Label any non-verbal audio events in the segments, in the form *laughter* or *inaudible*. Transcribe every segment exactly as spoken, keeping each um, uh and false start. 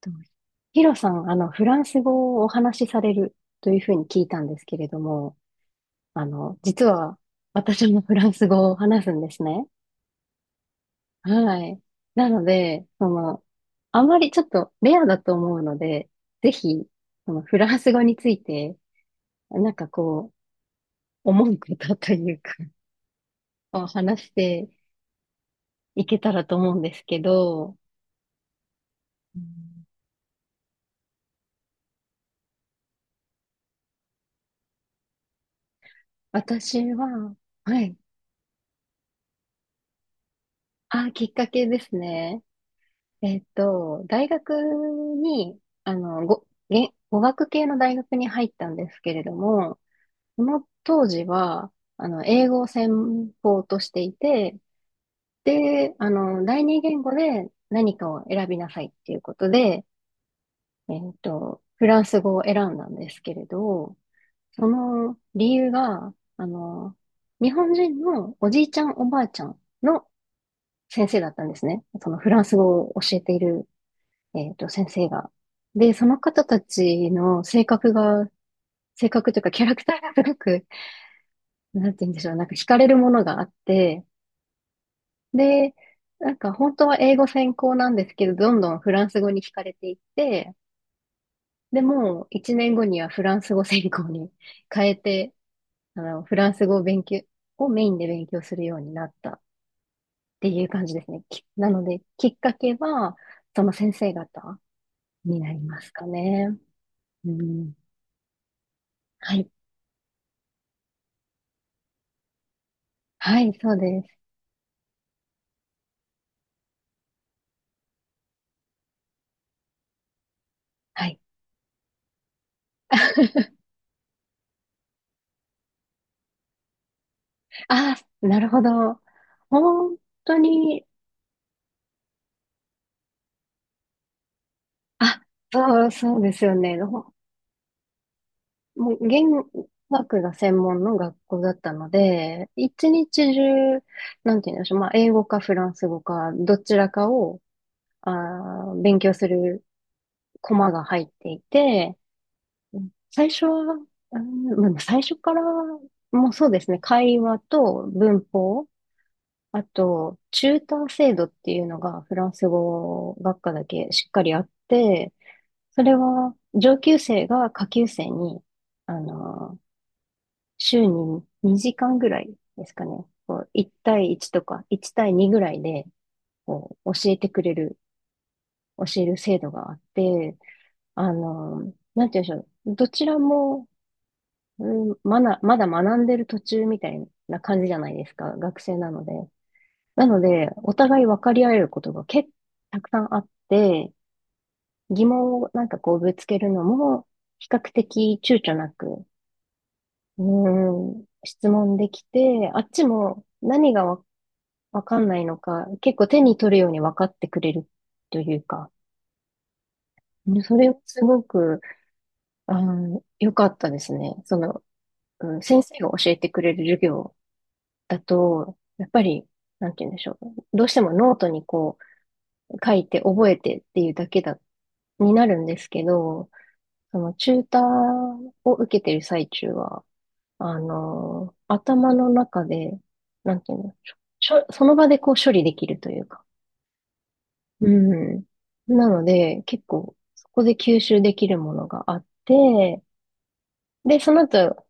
とヒロさん、あの、フランス語をお話しされるというふうに聞いたんですけれども、あの、実は私もフランス語を話すんですね。はい。なので、その、あまりちょっとレアだと思うので、ぜひ、そのフランス語について、なんかこう、思うことというか、を話していけたらと思うんですけど、うん。私は、はい。あ、きっかけですね。えっと、大学に、あの、ご、げ、語学系の大学に入ったんですけれども、その当時は、あの、英語を専攻としていて、で、あの、第二言語で何かを選びなさいっていうことで、えっと、フランス語を選んだんですけれど、その理由が、あの、日本人のおじいちゃんおばあちゃんの先生だったんですね。そのフランス語を教えているえっと、先生が。で、その方たちの性格が、性格というかキャラクターがすごく、なんて言うんでしょう、なんか惹かれるものがあって、で、なんか本当は英語専攻なんですけど、どんどんフランス語に惹かれていって、でも、一年後にはフランス語専攻に *laughs* 変えて、あの、フランス語を勉強、をメインで勉強するようになったっていう感じですね。きなので、きっかけは、その先生方になりますかね。うん。はい。はい、そうです。はい。*laughs* あ、なるほど。本当に、あ、そう、そうですよね。ほもう、言学が専門の学校だったので、一日中、なんて言うんでしょう。まあ、英語かフランス語か、どちらかを、あー、勉強するコマが入っていて、最初は、うん、まあ最初から、もうそうですね。会話と文法、あと、チューター制度っていうのがフランス語学科だけしっかりあって、それは上級生が下級生に、あの、週ににじかんぐらいですかね。こういち対いちとかいち対にぐらいでこう教えてくれる、教える制度があって、あの、なんて言うんでしょう。どちらも、うん、まだ、まだ学んでる途中みたいな感じじゃないですか。学生なので。なので、お互い分かり合えることが結構たくさんあって、疑問をなんかこうぶつけるのも、比較的躊躇なく、うーん、質問できて、あっちも何がわ、わかんないのか、結構手に取るように分かってくれるというか、うん、それをすごく、あの、良かったですね。その、うん、先生が教えてくれる授業だと、やっぱり、なんて言うんでしょう。どうしてもノートにこう、書いて覚えてっていうだけだになるんですけど、そのチューターを受けてる最中は、あの、頭の中で、なんていうの、しょ、その場でこう処理できるというか。うん。なので、結構そこで吸収できるものがあって、で、その後、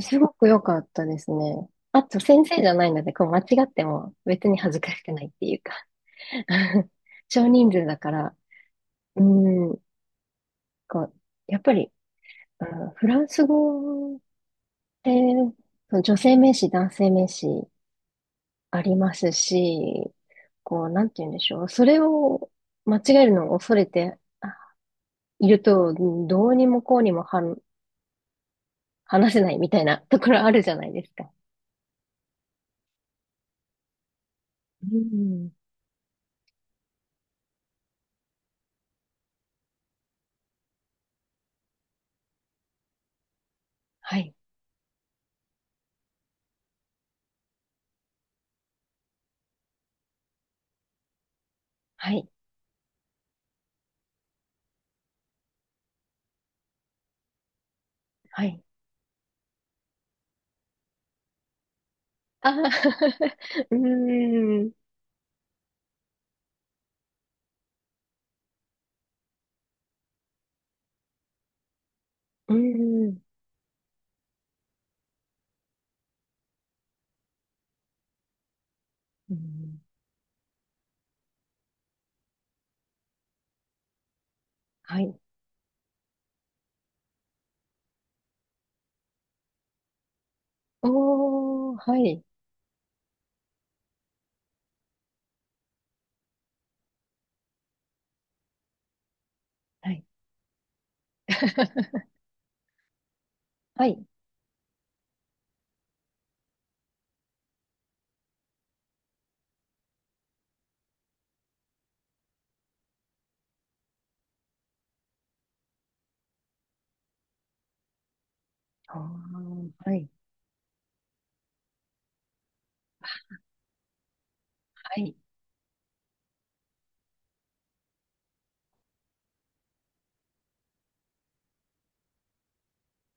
すごく良かったですね。あと、先生じゃないので、こう間違っても別に恥ずかしくないっていうか *laughs* 少人数だから、うん、こう、やっぱり、あのフランス語で、その女性名詞、男性名詞ありますし、こう、なんて言うんでしょう。それを間違えるのを恐れてあいると、どうにもこうにもはん話せないみたいなところあるじゃないですか。うん。はい、はい、はい。ああ *laughs* うーん、うーん、うん。はい。おー、はい、はい。*laughs* はい。*laughs* おー、はい。はい。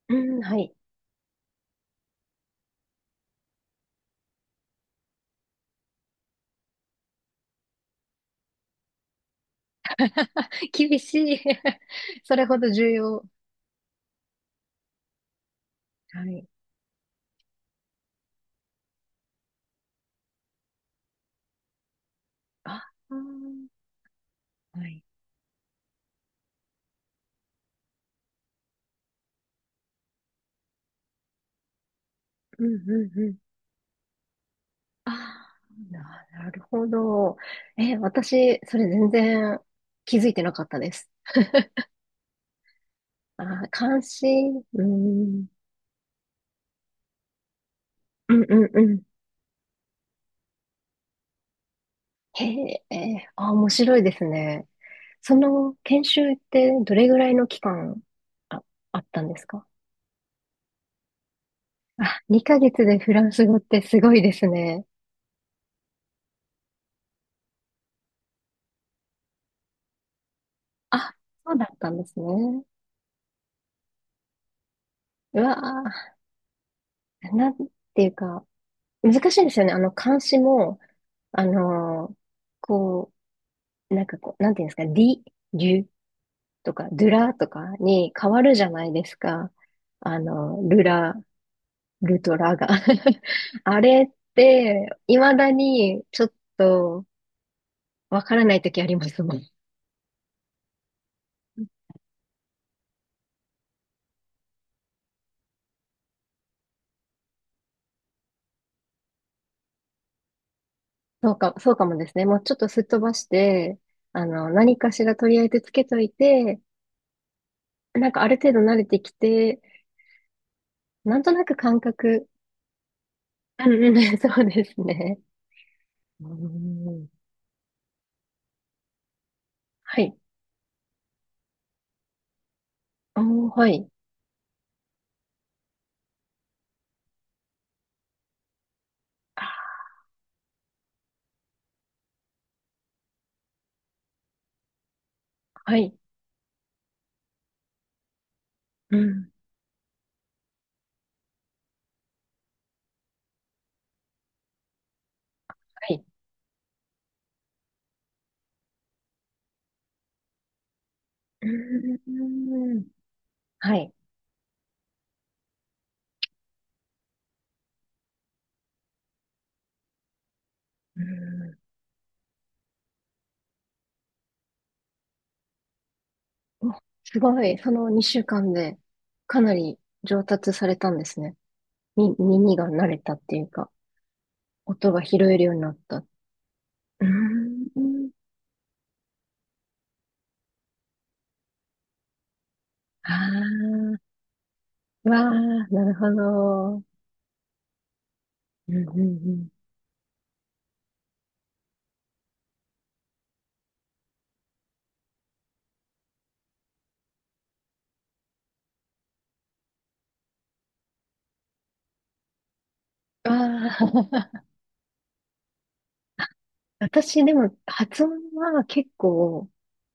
うん、はい。*laughs* 厳しい。*laughs* それほど重要。はい。ああー、はい。うんうんうん。ああ、な、なるほど。え、私、それ全然気づいてなかったです。あー、関心、うん、うんうんうん。へえ、えーあー、面白いですね。その研修ってどれぐらいの期間あ、あったんですか？あ、にかげつでフランス語ってすごいですね。あ、そうだったんですね。うわー、なんていうか、難しいんですよね。あの、漢詩も、あのーこう、なんかこう、なんていうんですか、り、りゅとか、ドゥラとかに変わるじゃないですか。あの、ルラ、ルとラが。*laughs* あれって、未だにちょっとわからない時ありますもん。そうか、そうかもですね。もうちょっとすっ飛ばして、あの、何かしらとりあえずつけといて、なんかある程度慣れてきて、なんとなく感覚、うんうん、*laughs* そうですね。うん。はい。おー、はい。あ、はい。うん、はい。うん、はい。うん、お、すごい。そのにしゅうかんで、かなり上達されたんですね。み、耳が慣れたっていうか、音が拾えるようになった。うーん、ああ、わあ、なるほど。うんうんうん。ああ、*laughs* 私でも発音は結構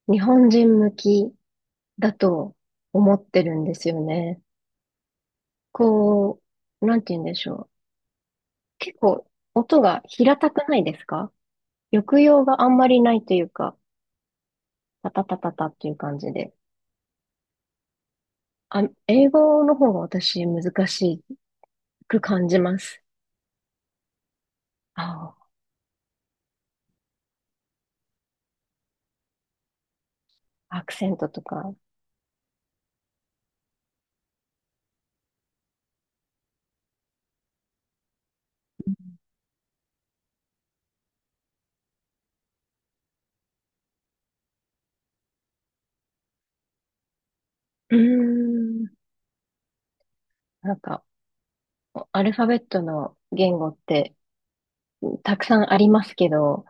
日本人向きだと思ってるんですよね。こう、なんて言うんでしょう。結構音が平たくないですか？抑揚があんまりないというか、タタタタタっていう感じで。あ、英語の方が私難しく感じます。ああ、アクセントとか。うーん。なんか、アルファベットの言語ってたくさんありますけど、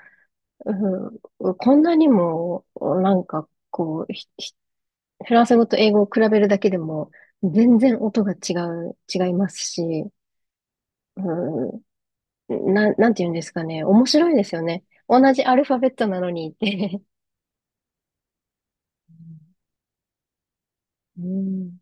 うん、こんなにも、なんかこう、ひフランス語と英語を比べるだけでも、全然音が違う、違いますし、うん、な、なんて言うんですかね。面白いですよね。同じアルファベットなのにって。*laughs* うん、うん、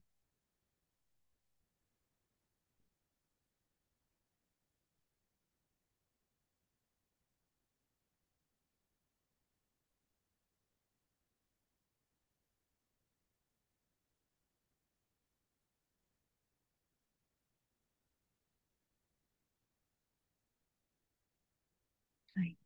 はい。